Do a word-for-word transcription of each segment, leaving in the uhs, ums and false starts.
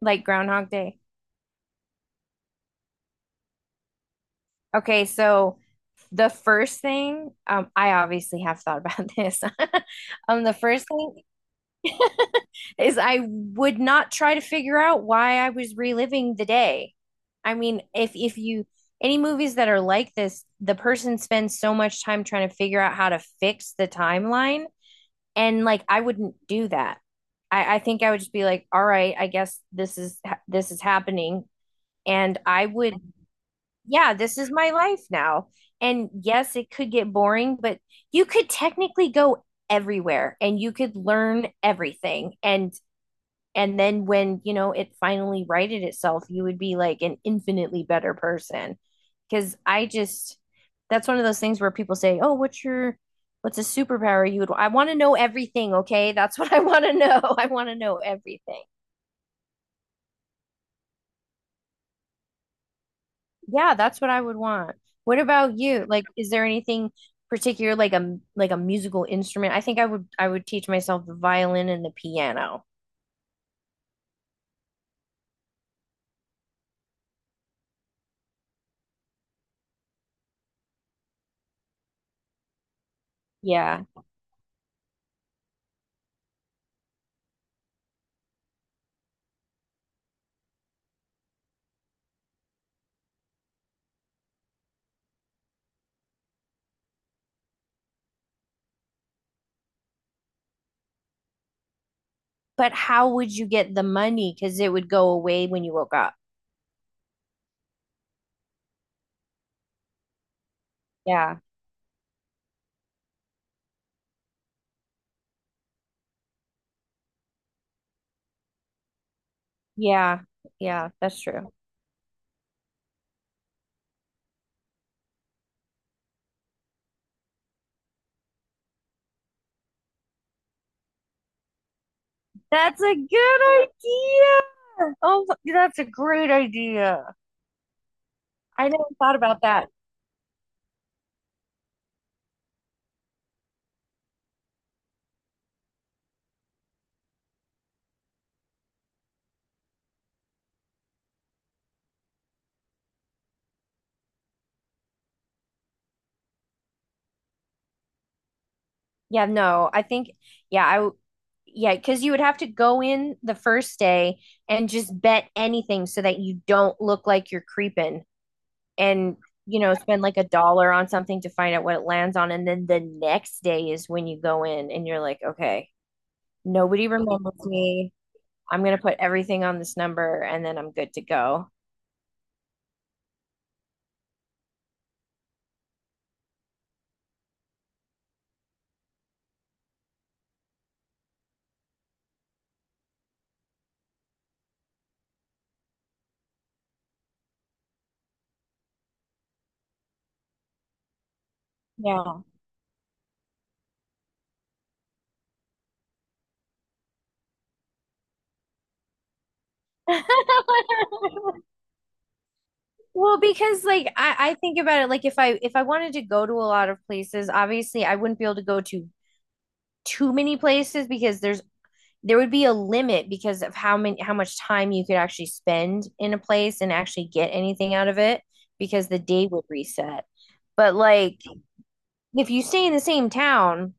Like Groundhog Day. Okay, so the first thing, um, I obviously have thought about this. Um, the first thing is I would not try to figure out why I was reliving the day. I mean, if if you any movies that are like this, the person spends so much time trying to figure out how to fix the timeline, and like I wouldn't do that. I, I think I would just be like, all right, I guess this is ha- this is happening. And I would Yeah, this is my life now. And yes, it could get boring, but you could technically go everywhere and you could learn everything. And and then when, you know, it finally righted itself, you would be like an infinitely better person. Because I just, that's one of those things where people say, "Oh, what's your what's a superpower you would I want to know everything, okay? That's what I want to know. I want to know everything." Yeah, that's what I would want. What about you? Like, is there anything particular, like a like a musical instrument? I think I would I would teach myself the violin and the piano. Yeah. But how would you get the money? Because it would go away when you woke up. Yeah. Yeah, yeah, that's true. That's a good idea. Oh, that's a great idea. I never thought about that. Yeah, no, I think, yeah, I, w- yeah, because you would have to go in the first day and just bet anything so that you don't look like you're creeping and, you know, spend like a dollar on something to find out what it lands on. And then the next day is when you go in and you're like, okay, nobody remembers me. I'm going to put everything on this number and then I'm good to go. Yeah. Well, because like I, I think about it, like if I if I wanted to go to a lot of places, obviously I wouldn't be able to go to too many places because there's there would be a limit because of how many how much time you could actually spend in a place and actually get anything out of it because the day would reset. But like if you stay in the same town,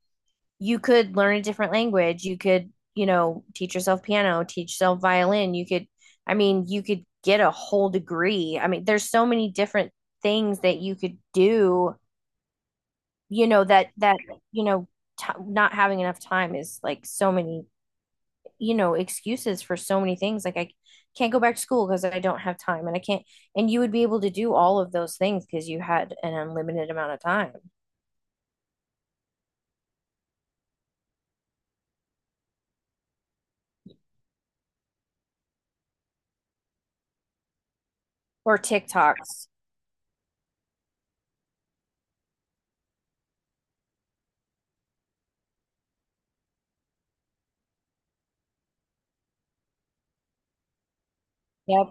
you could learn a different language. You could, you know, teach yourself piano, teach yourself violin. You could I mean, you could get a whole degree. I mean, there's so many different things that you could do, you know, that that, you know, t- not having enough time is like so many you know excuses for so many things. Like, I can't go back to school because I don't have time, and I can't. And you would be able to do all of those things because you had an unlimited amount of time. Or TikToks. Yep.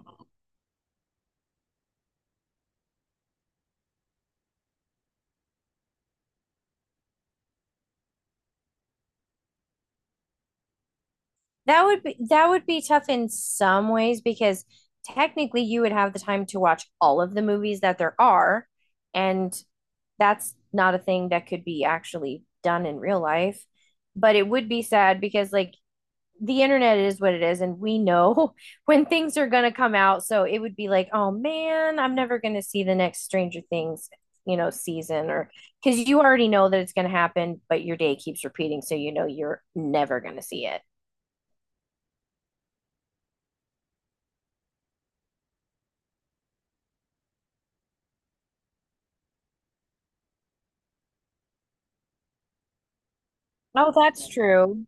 That would be that would be tough in some ways because technically you would have the time to watch all of the movies that there are, and that's not a thing that could be actually done in real life. But it would be sad because, like, the internet is what it is, and we know when things are gonna come out. So it would be like, oh man, I'm never gonna see the next Stranger Things, you know, season, or, because you already know that it's gonna happen, but your day keeps repeating, so you know you're never gonna see it. Oh, that's true.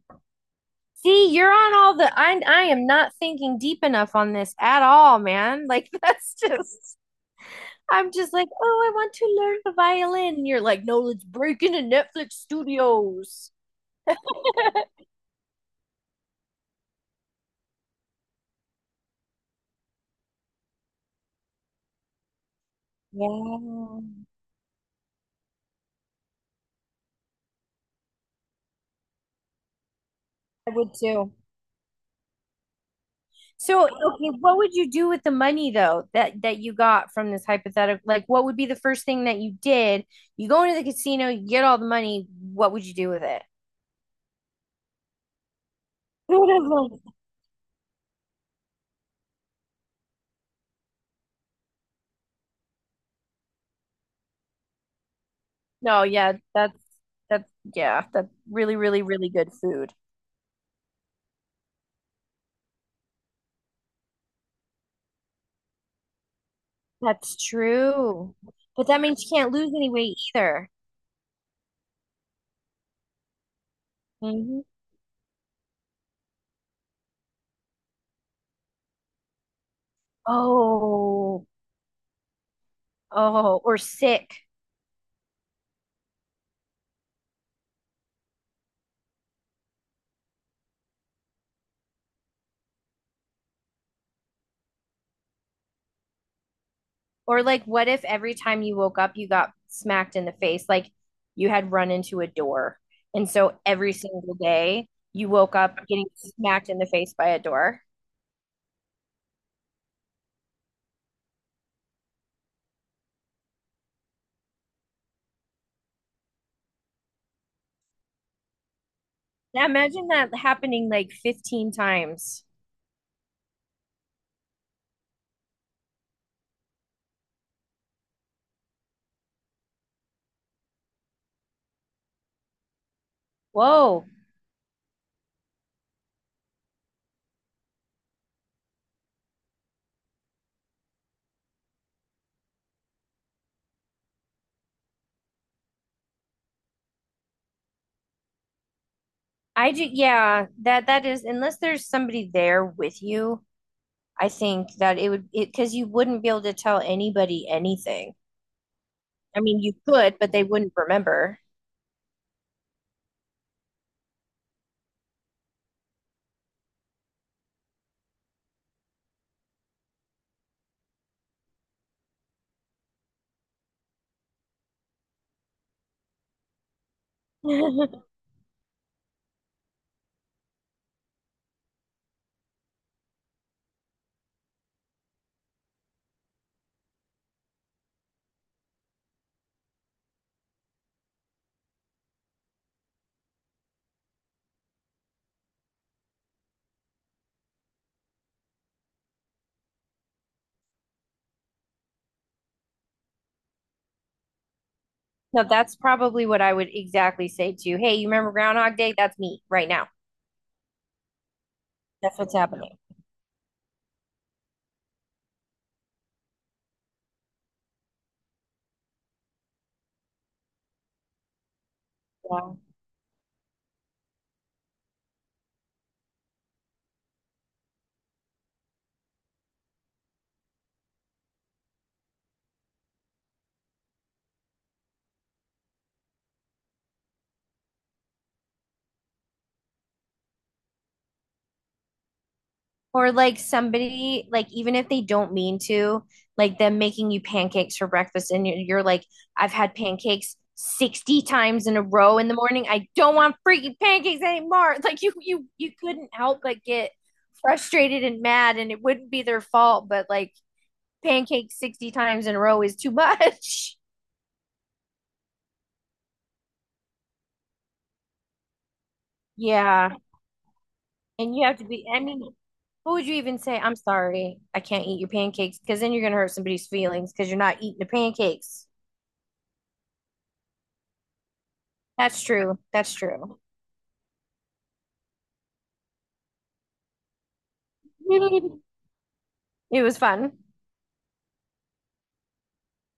See, you're on all the. I I am not thinking deep enough on this at all, man. Like that's just. I'm just like, oh, I want to learn the violin. And you're like, no, let's break into Netflix studios. Yeah. I would too. So, okay, what would you do with the money though that that you got from this hypothetical? Like, what would be the first thing that you did? You go into the casino, you get all the money. What would you do with it? No, yeah, that's that's yeah, that's really, really, really good food. That's true. But that means you can't lose any weight either. Mhm. Oh, oh, or sick. Or like, what if every time you woke up, you got smacked in the face? Like you had run into a door. And so every single day you woke up getting smacked in the face by a door. Now imagine that happening like fifteen times. Whoa. I do, yeah, that that is, unless there's somebody there with you, I think that it would, it, because you wouldn't be able to tell anybody anything. I mean, you could, but they wouldn't remember. No, that's probably what I would exactly say too. Hey, you remember Groundhog Day? That's me right now. That's what's happening. Yeah. Or like somebody, like even if they don't mean to, like them making you pancakes for breakfast and you're, you're like, I've had pancakes sixty times in a row in the morning. I don't want freaking pancakes anymore. Like you you you couldn't help but get frustrated and mad and it wouldn't be their fault, but like pancakes sixty times in a row is too much. Yeah. And you have to be, I mean, what would you even say? I'm sorry, I can't eat your pancakes because then you're going to hurt somebody's feelings because you're not eating the pancakes. That's true. That's true. It was fun.